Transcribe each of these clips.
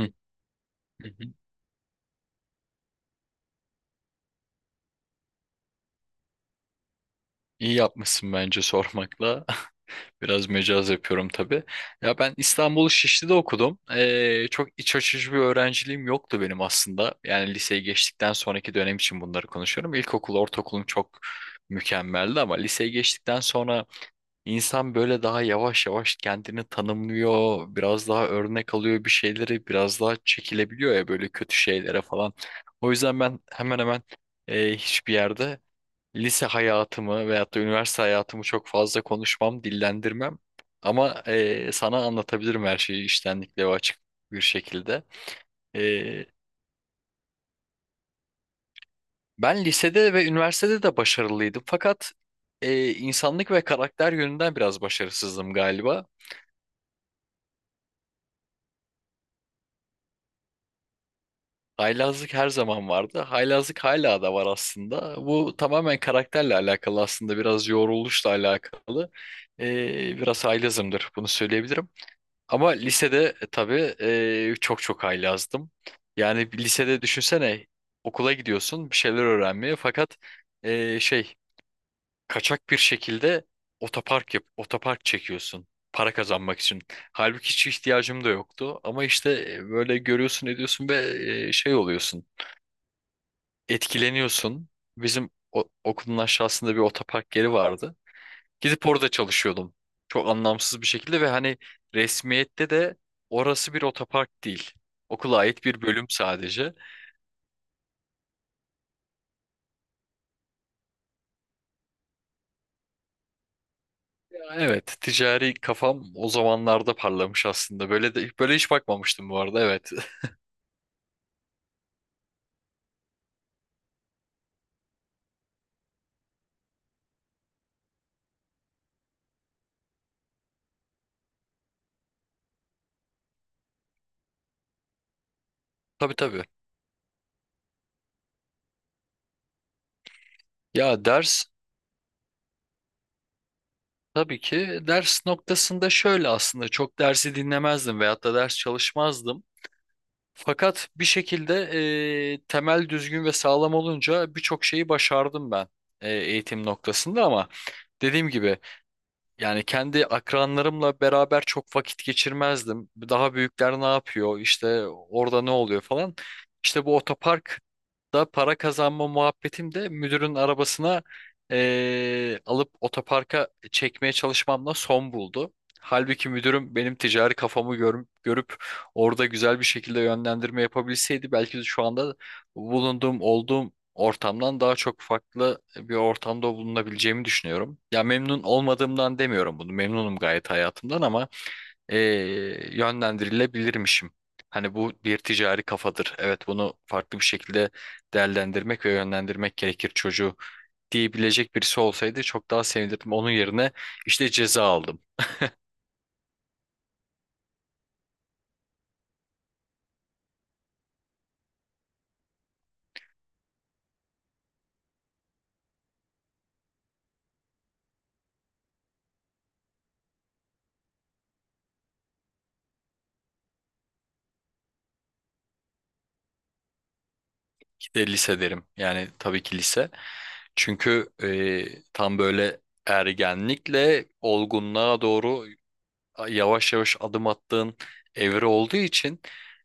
Hı hı hı. İyi yapmışsın bence sormakla. Biraz mecaz yapıyorum tabii. Ya ben İstanbul Şişli'de okudum. Çok iç açıcı bir öğrenciliğim yoktu benim aslında. Yani liseyi geçtikten sonraki dönem için bunları konuşuyorum. İlkokul, ortaokulum çok mükemmeldi ama liseye geçtikten sonra insan böyle daha yavaş yavaş kendini tanımlıyor. Biraz daha örnek alıyor bir şeyleri. Biraz daha çekilebiliyor ya böyle kötü şeylere falan. O yüzden ben hemen hemen hiçbir yerde lise hayatımı veyahut da üniversite hayatımı çok fazla konuşmam, dillendirmem. Ama sana anlatabilirim her şeyi içtenlikle ve açık bir şekilde. Eee, Ben lisede ve üniversitede de başarılıydım. Fakat insanlık ve karakter yönünden biraz başarısızdım galiba. Haylazlık her zaman vardı. Haylazlık hala da var aslında. Bu tamamen karakterle alakalı, aslında biraz yoruluşla alakalı. Biraz haylazımdır, bunu söyleyebilirim. Ama lisede tabii çok çok haylazdım. Yani bir lisede düşünsene, okula gidiyorsun bir şeyler öğrenmeye fakat şey, kaçak bir şekilde otopark çekiyorsun para kazanmak için. Halbuki hiç ihtiyacım da yoktu ama işte böyle görüyorsun ediyorsun ve e, şey oluyorsun etkileniyorsun. Bizim okulun aşağısında bir otopark yeri vardı. Gidip orada çalışıyordum. Çok anlamsız bir şekilde ve hani resmiyette de orası bir otopark değil. Okula ait bir bölüm sadece. Evet, ticari kafam o zamanlarda parlamış aslında. Böyle de böyle hiç bakmamıştım bu arada. Evet. Tabii tabii. Ya ders Tabii ki ders noktasında şöyle, aslında çok dersi dinlemezdim veyahut da ders çalışmazdım. Fakat bir şekilde temel düzgün ve sağlam olunca birçok şeyi başardım ben eğitim noktasında. Ama dediğim gibi, yani kendi akranlarımla beraber çok vakit geçirmezdim. Daha büyükler ne yapıyor? İşte orada ne oluyor falan. İşte bu otoparkta para kazanma muhabbetim de müdürün arabasına alıp otoparka çekmeye çalışmamla son buldu. Halbuki müdürüm benim ticari kafamı görüp orada güzel bir şekilde yönlendirme yapabilseydi, belki de şu anda olduğum ortamdan daha çok farklı bir ortamda bulunabileceğimi düşünüyorum. Ya memnun olmadığımdan demiyorum bunu. Memnunum gayet hayatımdan ama yönlendirilebilirmişim. Hani bu bir ticari kafadır. Evet, bunu farklı bir şekilde değerlendirmek ve yönlendirmek gerekir çocuğu, diyebilecek birisi olsaydı çok daha sevinirdim. Onun yerine işte ceza aldım. İşte lise derim. Yani tabii ki lise. Çünkü tam böyle ergenlikle olgunluğa doğru yavaş yavaş adım attığın evre olduğu için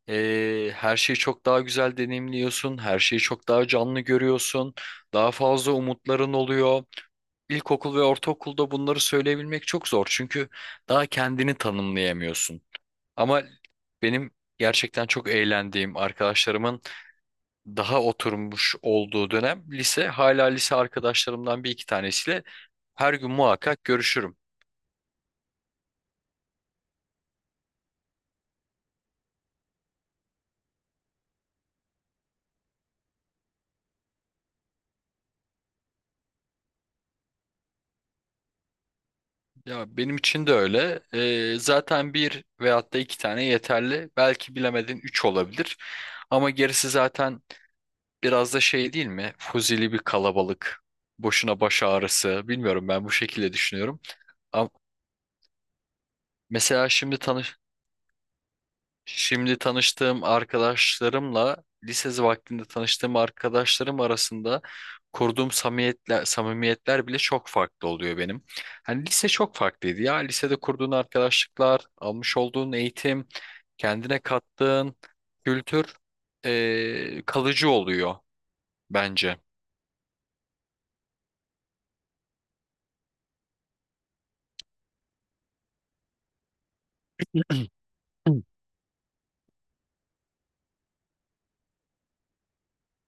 her şeyi çok daha güzel deneyimliyorsun, her şeyi çok daha canlı görüyorsun, daha fazla umutların oluyor. İlkokul ve ortaokulda bunları söyleyebilmek çok zor çünkü daha kendini tanımlayamıyorsun. Ama benim gerçekten çok eğlendiğim arkadaşlarımın daha oturmuş olduğu dönem, lise. Hala lise arkadaşlarımdan bir iki tanesiyle her gün muhakkak görüşürüm. Ya benim için de öyle. Zaten bir veyahut da iki tane yeterli. Belki bilemedin üç olabilir. Ama gerisi zaten biraz da şey değil mi? Fuzili bir kalabalık. Boşuna baş ağrısı. Bilmiyorum, ben bu şekilde düşünüyorum. Ama mesela şimdi şimdi tanıştığım arkadaşlarımla lise vaktinde tanıştığım arkadaşlarım arasında kurduğum samimiyetler bile çok farklı oluyor benim. Hani lise çok farklıydı ya. Lisede kurduğun arkadaşlıklar, almış olduğun eğitim, kendine kattığın kültür kalıcı oluyor bence.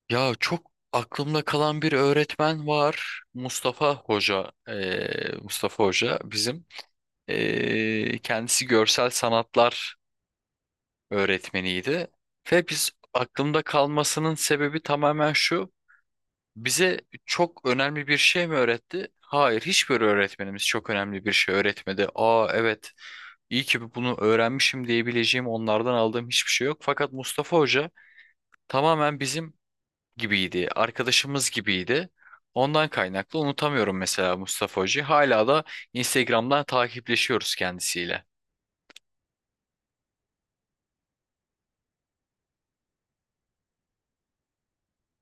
Ya çok aklımda kalan bir öğretmen var. Mustafa Hoca. Mustafa Hoca bizim. Kendisi görsel sanatlar öğretmeniydi. Ve biz aklımda kalmasının sebebi tamamen şu. Bize çok önemli bir şey mi öğretti? Hayır, hiçbir öğretmenimiz çok önemli bir şey öğretmedi. Aa evet, iyi ki bunu öğrenmişim diyebileceğim onlardan aldığım hiçbir şey yok. Fakat Mustafa Hoca tamamen bizim gibiydi, arkadaşımız gibiydi. Ondan kaynaklı unutamıyorum mesela Mustafa Hoca'yı. Hala da Instagram'dan takipleşiyoruz kendisiyle.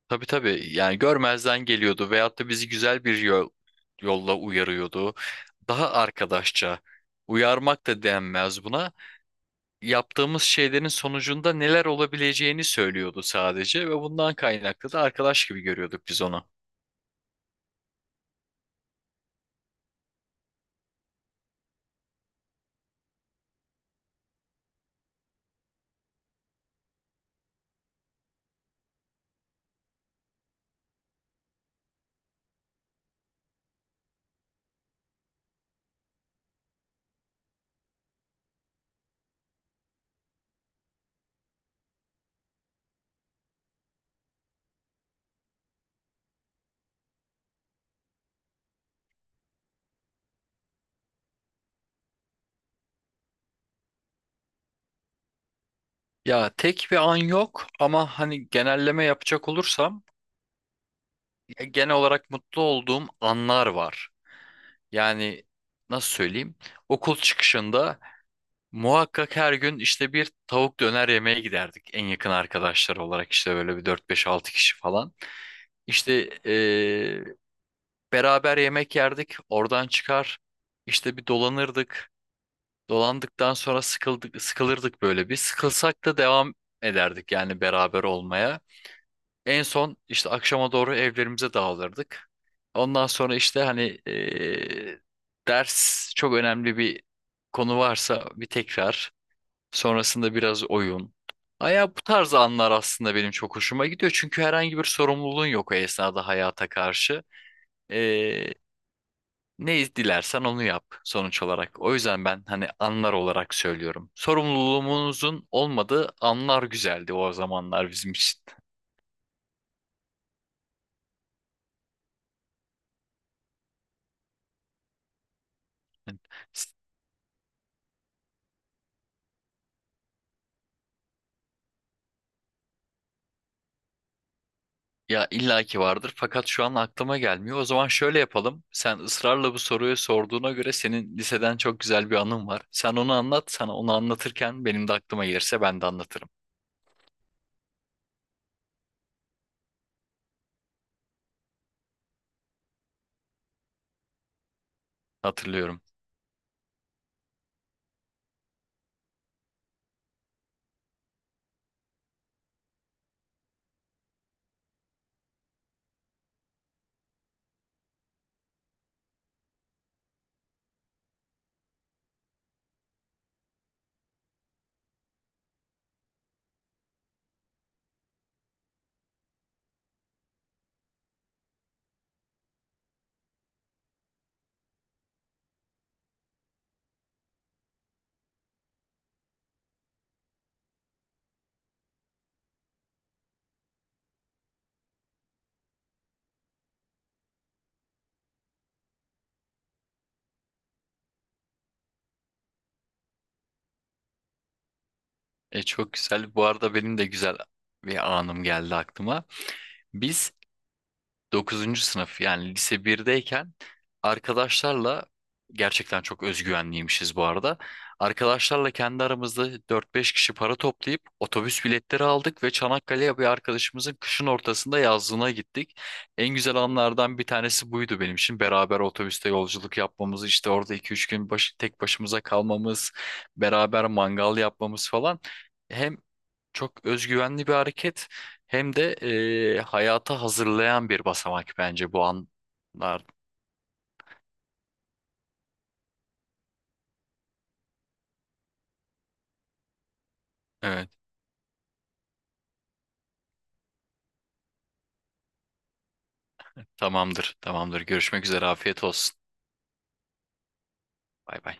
Tabii tabii, yani görmezden geliyordu veyahut da bizi güzel bir yolla uyarıyordu. Daha arkadaşça, uyarmak da denmez buna. Yaptığımız şeylerin sonucunda neler olabileceğini söylüyordu sadece ve bundan kaynaklı da arkadaş gibi görüyorduk biz onu. Ya tek bir an yok ama hani genelleme yapacak olursam, genel olarak mutlu olduğum anlar var. Yani nasıl söyleyeyim? Okul çıkışında muhakkak her gün işte bir tavuk döner yemeye giderdik en yakın arkadaşlar olarak, işte böyle bir dört beş altı kişi falan. İşte beraber yemek yerdik, oradan çıkar işte bir dolanırdık. Dolandıktan sonra sıkılırdık, böyle bir sıkılsak da devam ederdik yani beraber olmaya. En son işte akşama doğru evlerimize dağılırdık. Ondan sonra işte hani ders, çok önemli bir konu varsa bir tekrar. Sonrasında biraz oyun. Aya, bu tarz anlar aslında benim çok hoşuma gidiyor. Çünkü herhangi bir sorumluluğun yok o esnada hayata karşı. Ee, Ne dilersen onu yap sonuç olarak. O yüzden ben hani anlar olarak söylüyorum. Sorumluluğumuzun olmadığı anlar güzeldi o zamanlar bizim için. Ya illaki vardır fakat şu an aklıma gelmiyor. O zaman şöyle yapalım. Sen ısrarla bu soruyu sorduğuna göre senin liseden çok güzel bir anın var. Sen onu anlat, sana onu anlatırken benim de aklıma gelirse ben de anlatırım. Hatırlıyorum. E, çok güzel. Bu arada benim de güzel bir anım geldi aklıma. Biz 9. sınıf, yani lise birdeyken arkadaşlarla, gerçekten çok özgüvenliymişiz bu arada. Arkadaşlarla kendi aramızda 4-5 kişi para toplayıp otobüs biletleri aldık ve Çanakkale'ye bir arkadaşımızın kışın ortasında yazlığına gittik. En güzel anlardan bir tanesi buydu benim için. Beraber otobüste yolculuk yapmamız, işte orada 2-3 gün tek başımıza kalmamız, beraber mangal yapmamız falan. Hem çok özgüvenli bir hareket hem de hayata hazırlayan bir basamak bence bu anlar. Evet, tamamdır, tamamdır. Görüşmek üzere, afiyet olsun. Bay bay.